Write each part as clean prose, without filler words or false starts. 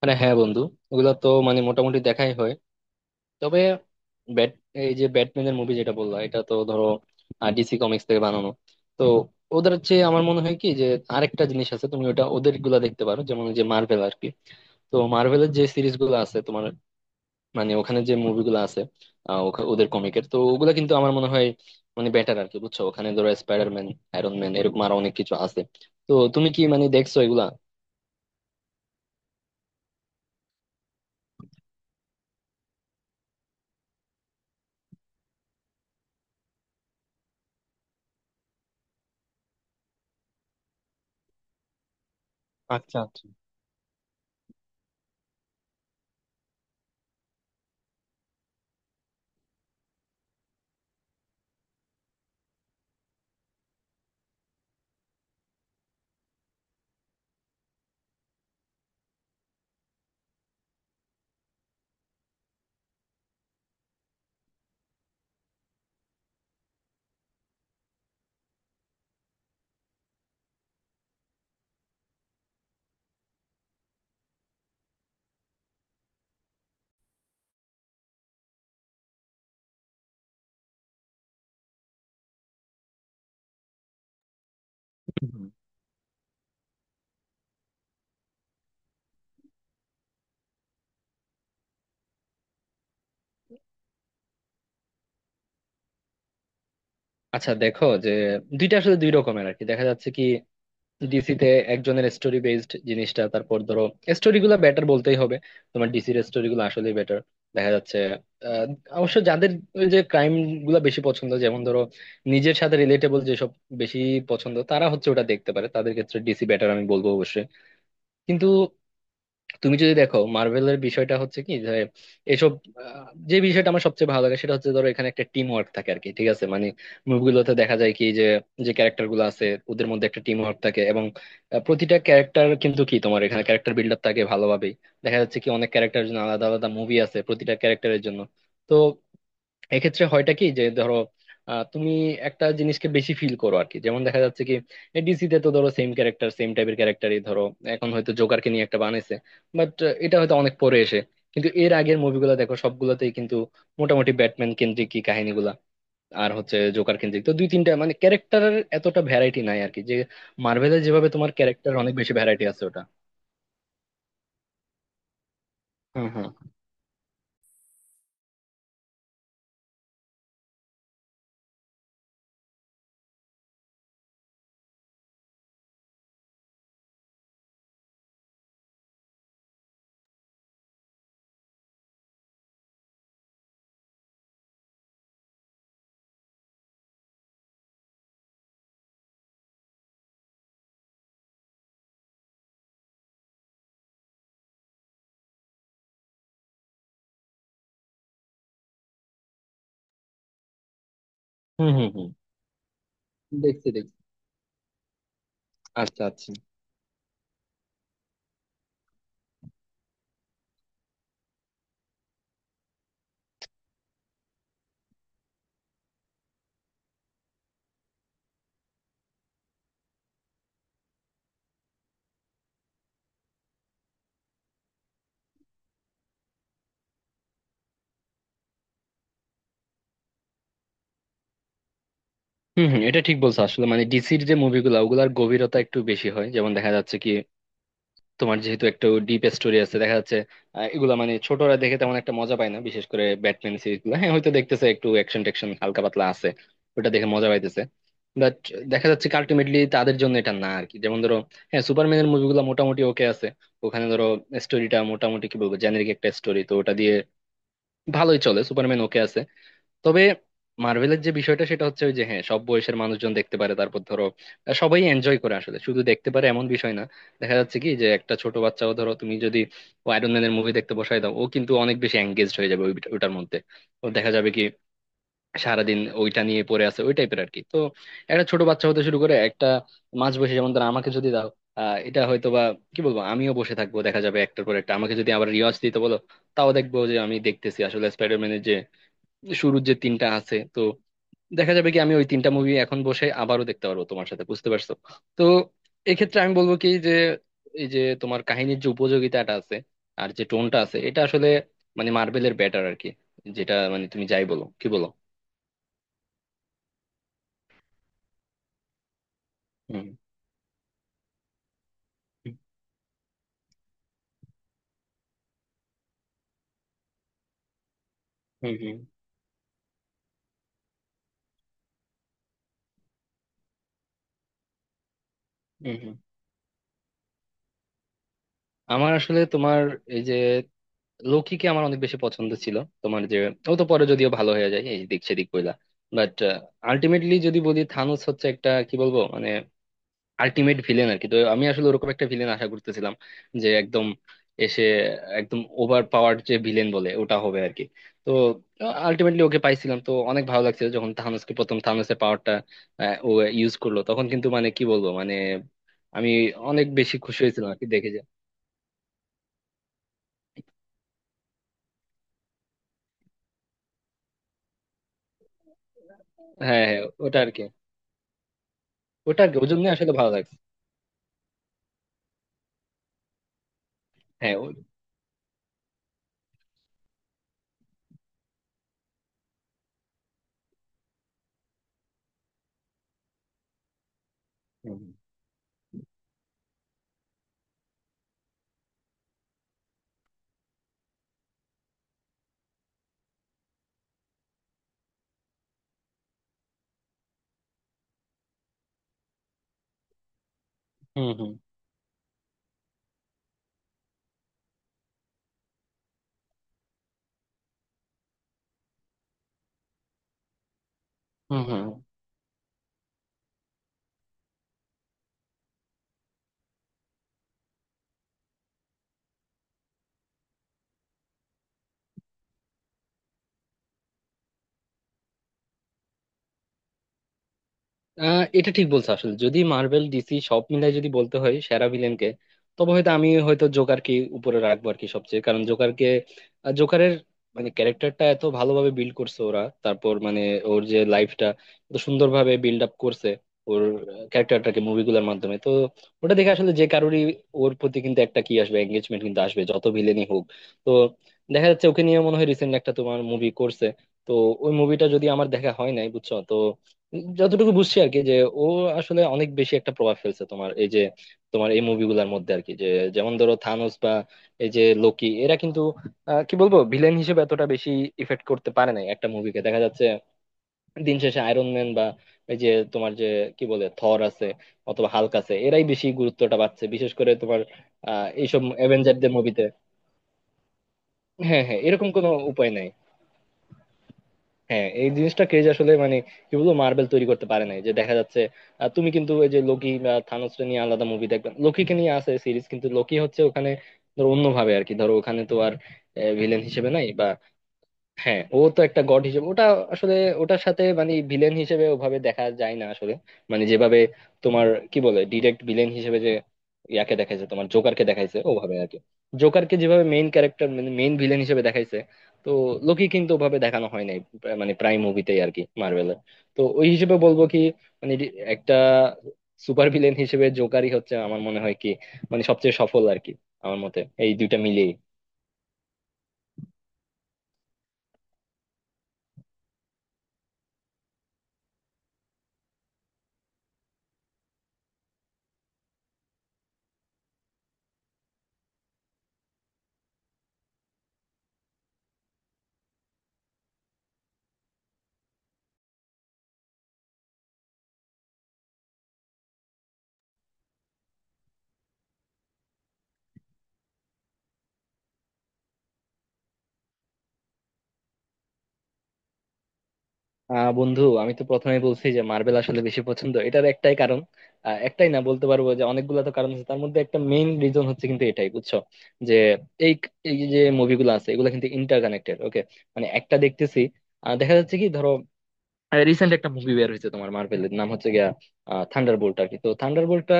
মানে হ্যাঁ বন্ধু, ওগুলা তো মানে মোটামুটি দেখাই হয়। তবে ব্যাট এই যে ব্যাটম্যানের মুভি যেটা বললা, এটা তো ধরো ডিসি কমিক্স থেকে বানানো। তো ওদের চেয়ে আমার মনে হয় কি যে আরেকটা জিনিস আছে, তুমি ওটা ওদের গুলা দেখতে পারো, যেমন ওই যে মার্ভেল আর কি। তো মার্ভেলের যে সিরিজ গুলো আছে তোমার, মানে ওখানে যে মুভিগুলো আছে, ওদের কমিকের তো ওগুলা কিন্তু আমার মনে হয় মানে বেটার আর কি, বুঝছো? ওখানে ধরো স্পাইডারম্যান, আয়রন ম্যান, এরকম আরো অনেক কিছু আছে। তো তুমি কি মানে দেখছো এগুলা? আচ্ছা দেখো যে, দুইটা আসলে দুই রকমের আর কি, দেখা যাচ্ছে কি ডিসি তে একজনের স্টোরি বেসড জিনিসটা। তারপর ধরো স্টোরি গুলা বেটার বলতেই হবে, তোমার ডিসির স্টোরি গুলো আসলে বেটার, দেখা যাচ্ছে। আহ, অবশ্য যাদের ওই যে ক্রাইম গুলা বেশি পছন্দ, যেমন ধরো নিজের সাথে রিলেটেবল যেসব বেশি পছন্দ, তারা হচ্ছে ওটা দেখতে পারে, তাদের ক্ষেত্রে ডিসি বেটার আমি বলবো অবশ্যই। কিন্তু তুমি যদি দেখো মার্ভেলের বিষয়টা হচ্ছে কি যে এসব, যে বিষয়টা আমার সবচেয়ে ভালো লাগে সেটা হচ্ছে ধরো এখানে একটা টিম ওয়ার্ক থাকে আর কি, ঠিক আছে? মানে মুভিগুলোতে দেখা যায় কি যে, যে ক্যারেক্টার গুলো আছে ওদের মধ্যে একটা টিম ওয়ার্ক থাকে এবং প্রতিটা ক্যারেক্টার কিন্তু কি, তোমার এখানে ক্যারেক্টার বিল্ড আপ থাকে ভালোভাবেই। দেখা যাচ্ছে কি অনেক ক্যারেক্টারের জন্য আলাদা আলাদা মুভি আছে, প্রতিটা ক্যারেক্টারের জন্য। তো এক্ষেত্রে হয়টা কি যে ধরো তুমি একটা জিনিসকে বেশি ফিল করো আর কি। যেমন দেখা যাচ্ছে কি ডিসিতে তো ধরো সেম ক্যারেক্টার, সেম টাইপের ক্যারেক্টারই, ধরো এখন হয়তো জোকারকে নিয়ে একটা বানাইছে, বাট এটা হয়তো অনেক পরে এসে। কিন্তু এর আগের মুভিগুলো দেখো, সবগুলোতেই কিন্তু মোটামুটি ব্যাটম্যান কেন্দ্রিক কি কাহিনীগুলা, আর হচ্ছে জোকার কেন্দ্রিক, তো দুই তিনটা মানে ক্যারেক্টারের এতটা ভ্যারাইটি নাই আর কি, যে মার্ভেলের যেভাবে তোমার ক্যারেক্টার অনেক বেশি ভ্যারাইটি আছে ওটা। হুম, হুম, হুম। হুম, হুম। দেখছি, দেখছি। আচ্ছা, আচ্ছা। হম, হম, এটা ঠিক বলছো আসলে। মানে ডিসির যে মুভিগুলো ওগুলার গভীরতা একটু বেশি হয়, যেমন দেখা যাচ্ছে কি তোমার, যেহেতু একটু ডিপ স্টোরি আছে দেখা যাচ্ছে। এগুলা মানে ছোটরা দেখে তেমন একটা মজা পায় না, বিশেষ করে ব্যাটম্যান সিরিজ গুলো। হ্যাঁ, হয়তো দেখতেছে একটু অ্যাকশন ট্যাকশন হালকা পাতলা আছে, ওটা দেখে মজা পাইতেছে, বাট দেখা যাচ্ছে কি আলটিমেটলি তাদের জন্য এটা না আর কি। যেমন ধরো, হ্যাঁ সুপারম্যানের মুভিগুলো মোটামুটি ওকে আছে। ওখানে ধরো স্টোরিটা মোটামুটি কি বলবো, জেনারিক একটা স্টোরি, তো ওটা দিয়ে ভালোই চলে, সুপারম্যান ওকে আছে। তবে মার্ভেলের যে বিষয়টা সেটা হচ্ছে ওই যে, হ্যাঁ সব বয়সের মানুষজন দেখতে পারে, তারপর ধরো সবাই এনজয় করে আসলে, শুধু দেখতে পারে এমন বিষয় না। দেখা যাচ্ছে কি যে একটা ছোট বাচ্চাও, ধরো তুমি যদি আয়রন ম্যানের মুভি দেখতে বসাই দাও, ও কিন্তু অনেক বেশি এঙ্গেজড হয়ে যাবে ওইটার মধ্যে। ও দেখা যাবে কি সারাদিন ওইটা নিয়ে পড়ে আছে, ওই টাইপের আর কি। তো একটা ছোট বাচ্চা হতে শুরু করে একটা মাঝ বয়সে, যেমন ধরো আমাকে যদি দাও, আহ এটা হয়তো বা কি বলবো, আমিও বসে থাকবো। দেখা যাবে একটার পর একটা, আমাকে যদি আবার রিওয়াজ দিতে বলো, তাও দেখবো। যে আমি দেখতেছি আসলে স্পাইডারম্যানের যে শুরুর যে তিনটা আছে তো, দেখা যাবে কি আমি ওই তিনটা মুভি এখন বসে আবারও দেখতে পারবো তোমার সাথে, বুঝতে পারছো? তো এক্ষেত্রে আমি বলবো কি যে এই যে তোমার কাহিনীর যে উপযোগিতাটা আছে, আর যে টোনটা আছে, এটা আসলে মানে মার্বেলের বেটার আর কি, যেটা মানে তুমি যাই বলো কি বলো। হুম, হুম, হুম। হুম, হুম। আমার আসলে তোমার এই যে লৌকিকে আমার অনেক বেশি পছন্দ ছিল। তোমার যে, ও তো পরে যদিও ভালো হয়ে যায় এই দিক সেদিক কইলা, বাট আলটিমেটলি যদি বলি থানোস হচ্ছে একটা কি বলবো মানে আলটিমেট ভিলেন আর কি। তো আমি আসলে ওরকম একটা ভিলেন আশা করতেছিলাম, যে একদম এসে একদম ওভার পাওয়ার যে ভিলেন বলে ওটা হবে আর কি। তো আলটিমেটলি ওকে পাইছিলাম তো অনেক ভালো লাগছিল, যখন থানোসকে প্রথম থানোসের পাওয়ারটা ও ইউজ করলো তখন কিন্তু মানে কি বলবো, মানে আমি অনেক বেশি খুশি হয়েছিলাম আর কি দেখে, যে হ্যাঁ, হ্যাঁ। ওটা আর কি ওর জন্য আসলে ভালো লাগছে। হ্যাঁ, হুম, হুম, হুম। হুম, হুম। আহ এটা ঠিক বলছো আসলে। যদি মার্বেল ডিসি সব মিলাই যদি বলতে হয় সেরা ভিলেনকে, তবে হয়তো আমি হয়তো জোকারকে উপরে রাখবো আর কি সবচেয়ে, কারণ জোকারকে জোকারের মানে ক্যারেক্টারটা এত ভালোভাবে বিল্ড করছে ওরা, তারপর মানে ওর যে লাইফটা এত সুন্দরভাবে বিল্ড আপ করছে, ওর ক্যারেক্টারটাকে মুভিগুলোর মাধ্যমে। তো ওটা দেখে আসলে যে কারোরই ওর প্রতি কিন্তু একটা কি আসবে, এঙ্গেজমেন্ট কিন্তু আসবে যত ভিলেনই হোক। তো দেখা যাচ্ছে ওকে নিয়ে মনে হয় রিসেন্ট একটা তোমার মুভি করছে। তো ওই মুভিটা যদি আমার দেখা হয় নাই, বুঝছো? তো যতটুকু বুঝছি আর কি যে ও আসলে অনেক বেশি একটা প্রভাব ফেলছে তোমার এই যে তোমার এই মুভিগুলোর মধ্যে আর কি। যে যেমন ধরো থানোস বা এই যে লোকি, এরা কিন্তু কি বলবো ভিলেন হিসেবে এতটা বেশি ইফেক্ট করতে পারে নাই একটা মুভিকে, দেখা যাচ্ছে। দিন শেষে আয়রন ম্যান বা এই যে তোমার যে কি বলে থর আছে, অথবা হাল্ক আছে, এরাই বেশি গুরুত্বটা পাচ্ছে বিশেষ করে তোমার আহ এইসব অ্যাভেঞ্জারদের মুভিতে। হ্যাঁ, হ্যাঁ, এরকম কোনো উপায় নাই। হ্যাঁ এই জিনিসটা কেজ আসলে মানে কি বলবো, মার্বেল তৈরি করতে পারে নাই, যে দেখা যাচ্ছে তুমি কিন্তু ওই যে লোকি বা থানোসকে নিয়ে আলাদা মুভি দেখবে। লোকিকে নিয়ে আছে সিরিজ, কিন্তু লোকি হচ্ছে ওখানে ধরো অন্যভাবে আর কি। ধরো ওখানে তো আর ভিলেন হিসেবে নাই বা, হ্যাঁ ও তো একটা গড হিসেবে ওটা আসলে। ওটার সাথে মানে ভিলেন হিসেবে ওভাবে দেখা যায় না আসলে। মানে যেভাবে তোমার কি বলে ডিরেক্ট ভিলেন হিসেবে যে ইয়াকে দেখাইছে, তোমার জোকারকে দেখাইছে ওভাবে আর কি। জোকারকে যেভাবে মেইন ক্যারেক্টার মানে মেইন ভিলেন হিসেবে দেখাইছে, তো লোকি কিন্তু ওভাবে দেখানো হয় নাই মানে প্রাইম মুভিতেই আর কি মার্ভেলের। তো ওই হিসেবে বলবো কি মানে একটা সুপার ভিলেন হিসেবে জোকারই হচ্ছে আমার মনে হয় কি, মানে সবচেয়ে সফল আর কি আমার মতে, এই দুইটা মিলিয়ে। আহ বন্ধু আমি তো প্রথমেই বলছি যে মার্বেল আসলে বেশি পছন্দ, এটার একটাই কারণ, একটাই না বলতে পারবো যে অনেকগুলো তো কারণ আছে, তার মধ্যে একটা মেইন রিজন হচ্ছে কিন্তু এটাই, বুঝছো? যে এই এই যে মুভিগুলো আছে এগুলো কিন্তু ইন্টার কানেক্টেড, ওকে? মানে একটা দেখতেছি দেখা যাচ্ছে কি ধরো রিসেন্ট একটা মুভি বের হয়েছে তোমার মার্ভেলের, নাম হচ্ছে গিয়া থান্ডার বোল্ট আর কি। তো থান্ডার বোল্টটা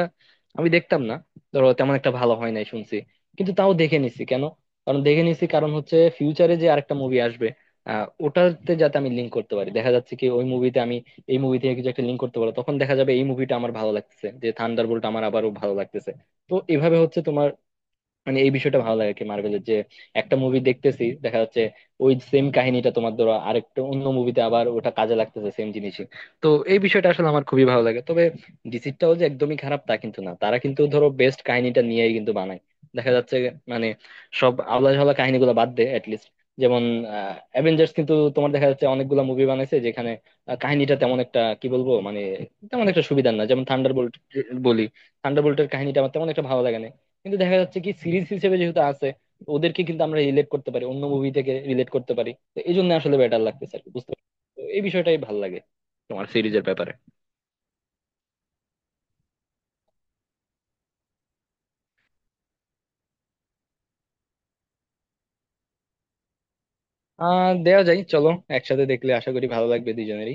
আমি দেখতাম না, ধরো তেমন একটা ভালো হয় নাই শুনছি, কিন্তু তাও দেখে নিছি কেন? কারণ দেখে নিছি কারণ হচ্ছে ফিউচারে যে আরেকটা মুভি আসবে, আহ ওটাতে যাতে আমি লিঙ্ক করতে পারি। দেখা যাচ্ছে কি ওই মুভিতে আমি এই মুভি থেকে কিছু একটা লিঙ্ক করতে পারবো, তখন দেখা যাবে এই মুভিটা আমার ভালো লাগতেছে, যে থান্ডার বোল্ট আমার আবারও ভালো লাগতেছে। তো এভাবে হচ্ছে তোমার মানে এই বিষয়টা ভালো লাগে আর কি, মার্ভেলের যে একটা মুভি দেখতেছি দেখা যাচ্ছে ওই সেম কাহিনীটা তোমার ধরো আরেকটা অন্য মুভিতে আবার ওটা কাজে লাগতেছে, সেম জিনিসই। তো এই বিষয়টা আসলে আমার খুবই ভালো লাগে। তবে ডিসিটাও যে একদমই খারাপ তা কিন্তু না, তারা কিন্তু ধরো বেস্ট কাহিনীটা নিয়েই কিন্তু বানায়, দেখা যাচ্ছে। মানে সব আলাদা ঝালা কাহিনীগুলো বাদ দেয় লিস্ট, যেমন অ্যাভেঞ্জার্স কিন্তু তোমার দেখা যাচ্ছে অনেকগুলো মুভি বানাইছে যেখানে কাহিনীটা তেমন একটা কি বলবো মানে তেমন একটা সুবিধার না, যেমন থান্ডারবোল্ট বলি। থান্ডারবোল্টের কাহিনীটা আমার তেমন একটা ভালো লাগে না, কিন্তু দেখা যাচ্ছে কি সিরিজ হিসেবে যেহেতু আছে, ওদেরকে কিন্তু আমরা রিলেট করতে পারি অন্য মুভি থেকে রিলেট করতে পারি, তো এই জন্য আসলে বেটার লাগতেছে আর কি, বুঝতে পারছো? তো এই বিষয়টাই ভালো লাগে তোমার সিরিজের ব্যাপারে। আহ দেওয়া যায় চলো। একসাথে দেখলে আশা করি ভালো লাগবে দুজনেরই।